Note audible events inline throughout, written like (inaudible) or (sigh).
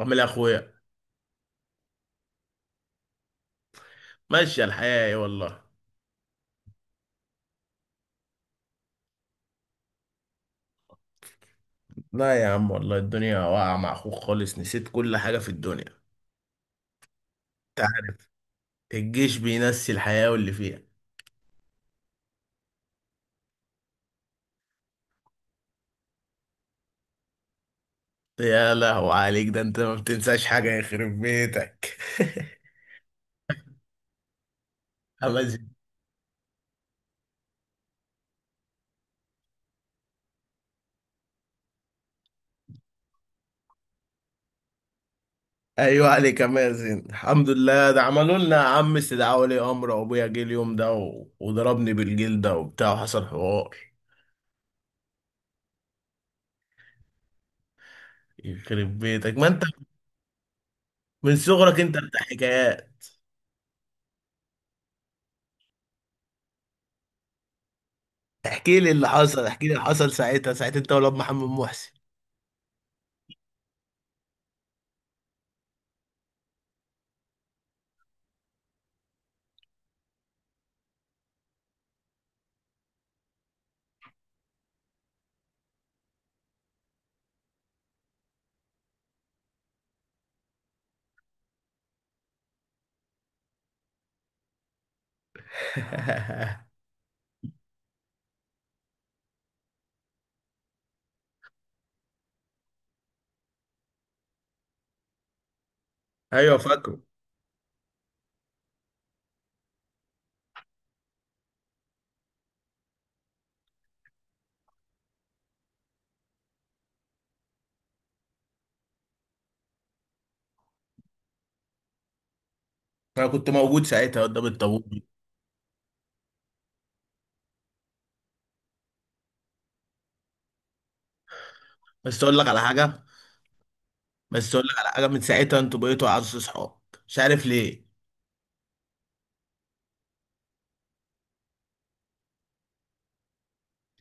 عامل ايه يا اخويا؟ ماشي الحياة ايه والله. لا يا عم والله الدنيا واقعة مع اخوك خالص، نسيت كل حاجة في الدنيا. انت عارف، الجيش بينسي الحياة واللي فيها. يا لهو عليك، ده انت ما بتنساش حاجة يخرب بيتك. (laughs) امازن. ايوه عليك امازن، الحمد لله، ده عملوا لنا يا عم استدعاء ولي امر، وابويا جه اليوم ده وضربني بالجلدة وبتاع وحصل حوار. يخرب بيتك ما انت من صغرك انت بتاع حكايات. احكي لي اللي حصل ساعتها، انت ولاد محمد محسن. (laughs) ايوه فاكره. انا كنت موجود ساعتها قدام الطابور دي. بس اقول لك على حاجه بس اقول لك على حاجه، من ساعتها انتوا بقيتوا اعز صحاب. مش عارف ليه.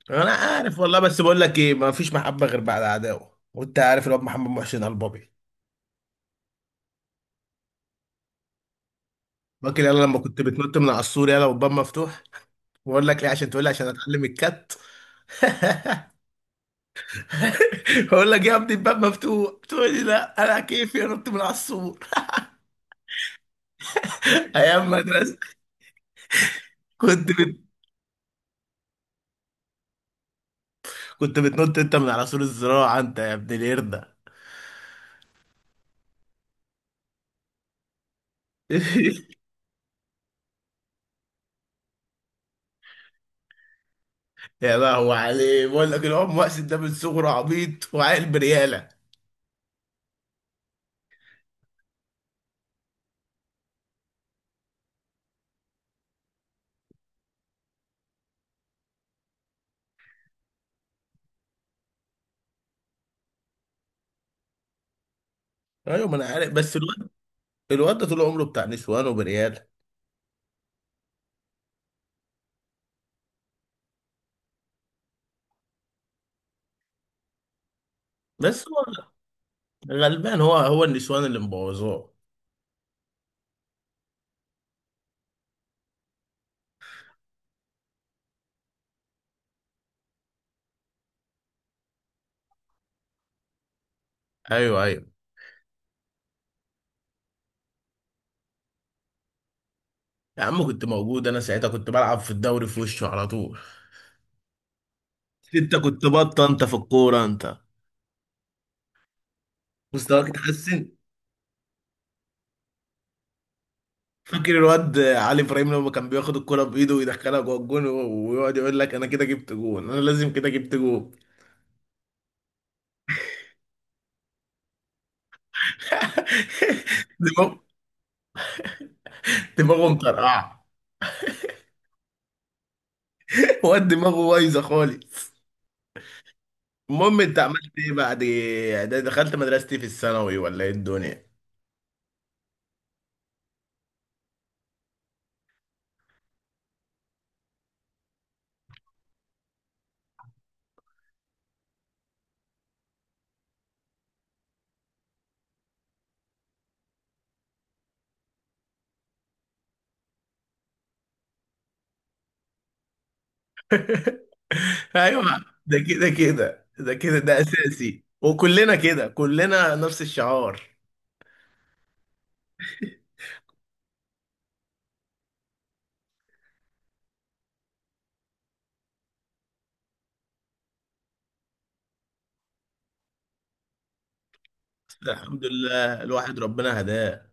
انا عارف والله، بس بقول لك ايه، ما فيش محبه غير بعد عداوه، وانت عارف الواد محمد محسن البابي. فاكر يلا لما كنت بتنط من على السور يلا والباب مفتوح؟ بقول لك ايه عشان تقول لي عشان اتعلم الكت. (laughs) بقول لك يا ابني الباب مفتوح، تقول لي لا انا كيفي انط من على السور. (laughs) ايام مدرسه. كنت بت... كنت بتنط انت من على سور الزراعه انت يا ابن القرده. (laughs) يا لهوي عليه، بقول لك العم مقصد ده من صغره عبيط وعاقل برياله. ايوه ما انا عارف، بس الواد، الواد ده طول عمره بتاع نسوان وبرياله. بس هو غلبان، هو هو النسوان اللي مبوظاه. ايوه ايوه. يا عم كنت موجود انا ساعتها، كنت بلعب في الدوري في وشه على طول. انت كنت بطه انت في الكوره انت، مستواك اتحسن. فاكر الواد علي ابراهيم لما كان بياخد الكوره بايده ويدخلها جوه الجون ويقعد يقول لك انا كده جبت جون، انا لازم كده جبت جون. (laughs) دماغه، دماغه مطرقعه. واد دماغه بايظه خالص. المهم انت عملت ايه بعد ده؟ دخلت مدرستي في الثانوي ولا ايه الدنيا؟ ايوه، ده كده كده، ده كده، ده اساسي، وكلنا كده، كلنا نفس الشعار. بس الحمد لله الواحد ربنا هداه.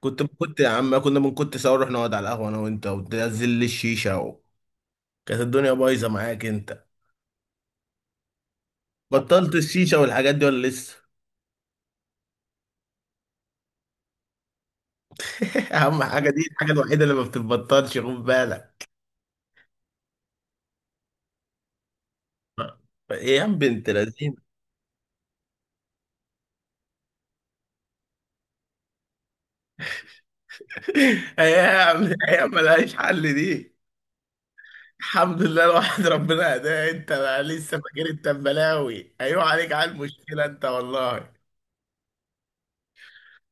كنت كنت يا عم، كنا من كنت سوا نروح نقعد على القهوه انا وانت، وتنزل لي الشيشه كانت الدنيا بايظه معاك انت. بطلت الشيشه والحاجات دي ولا لسه؟ (laughs) اهم حاجه دي، الحاجه الوحيده اللي ما بتتبطلش، خد بالك. ايه يا عم بنت لذينه. ايام ايام ملهاش حل دي. الحمد لله الواحد ربنا هداه. انت بقى لسه فاكر انت بلاوي، ايوه عليك على المشكله انت والله.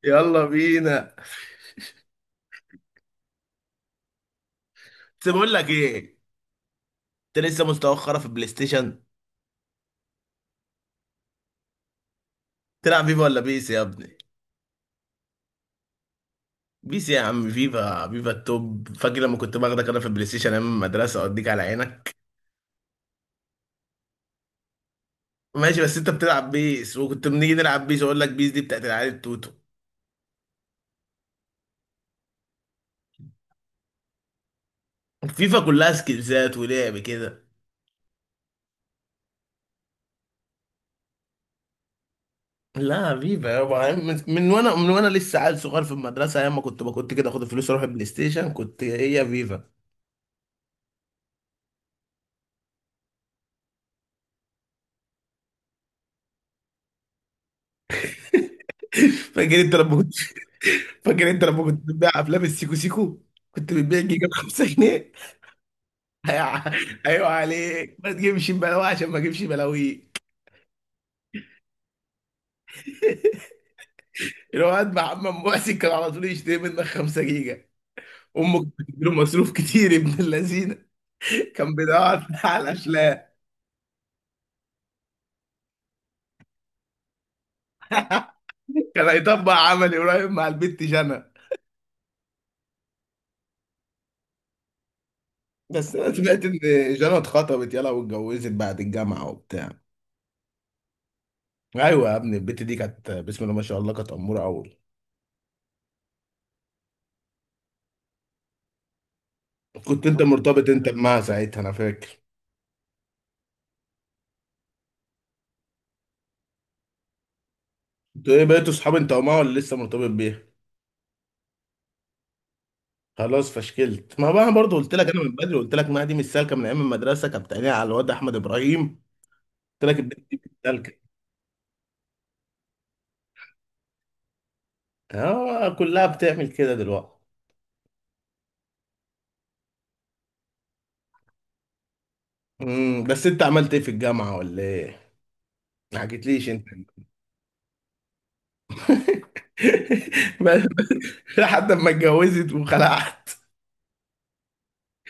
يلا بينا. بس بقول لك ايه، انت لسه مستوخره في البلاي ستيشن؟ تلعب فيفا ولا بيس يا ابني؟ بيس يا عم؟ فيفا، فيفا التوب. فاكر لما كنت باخدك انا في البلاي ستيشن ايام المدرسه اوديك على عينك؟ ماشي، بس انت بتلعب بيس، وكنت بنيجي نلعب بيس، اقول لك بيس دي بتاعت العيال التوتو. فيفا كلها سكيلزات ولعب كده. لا حبيبي يابا، يعني من وانا لسه عيل صغير في المدرسه، ايام ما كنت كنت كده اخد الفلوس اروح البلاي ستيشن، كنت هي يا فيفا. فاكر انت لما كنت (laughs) فاكر انت لما كنت بتبيع افلام السيكو سيكو؟ كنت بتبيع جيجا ب 5 جنيه. هيع- ايوه عليك ما تجيبش بلاوي عشان ما اجيبش بلاوي. الواد محمد محسن كان على طول يشتري منك 5 جيجا. امك كانت بتديله مصروف كتير ابن اللذينه. كان بيدور على الافلام. كان هيطبق عملي قريب مع البت جنى. بس انا سمعت ان جانا اتخطبت، يلا، واتجوزت بعد الجامعه وبتاع. ايوه يا ابني، البت دي كانت بسم الله ما شاء الله، كانت اموره قوي. كنت انت مرتبط انت بمها ساعتها انا فاكر. انتوا ايه بقيتوا اصحاب انت ومها ولا لسه مرتبط بيها؟ خلاص فشكلت. ما بقى انا برضه قلت لك، انا من بدري قلت لك ما دي مش سالكه، من ايام المدرسه كانت بتعينيها على الواد احمد ابراهيم. قلت لك البت دي مش سالكه. اه كلها بتعمل كده دلوقتي. بس انت عملت ايه في الجامعه ولا ايه؟ ما حكيتليش انت. (laughs) لحد ما اتجوزت وخلعت.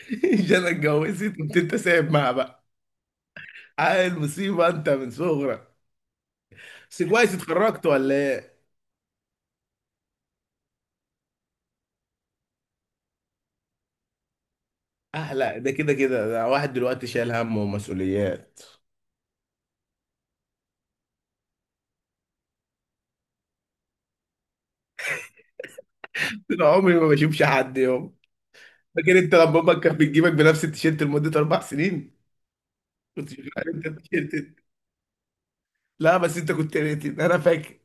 (laughs) جانا اتجوزت، قمت انت سايب معاها بقى. عيل مصيبه انت من صغرك. بس كويس اتخرجت ولا ايه؟ اه لا ده كده كده، ده واحد دلوقتي شايل هم ومسؤوليات. انا عمري ما بشوفش حد يوم. فاكر انت لما امك كانت بتجيبك بنفس التيشيرت لمده 4 سنين؟ كنت شغال انت التيشيرت. لا بس انت كنت ريتد انا فاكر.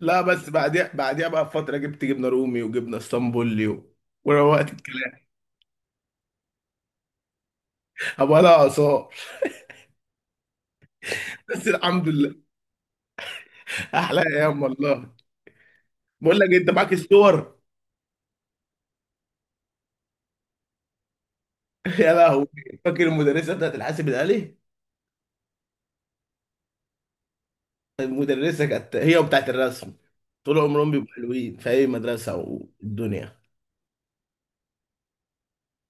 لا بس بعديها بقى بفتره جبت جبنه رومي وجبنه اسطنبولي وروقت الكلام. ابقى لها اثار. بس الحمد لله. احلى ايام والله. بقول لك إيه، انت معاك الصور؟ (laughs) يا لهوي. فاكر المدرسه بتاعت الحاسب الالي؟ المدرسه كانت هي وبتاعت الرسم طول عمرهم بيبقوا حلوين في اي مدرسه والدنيا.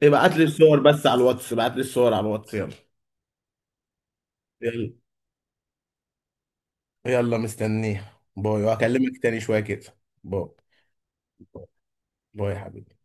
ابعت لي الصور على الواتس يلا. يلا يلا، مستنيها. باي، وهكلمك تاني شويه كده. باي. باي باي يا حبيبي.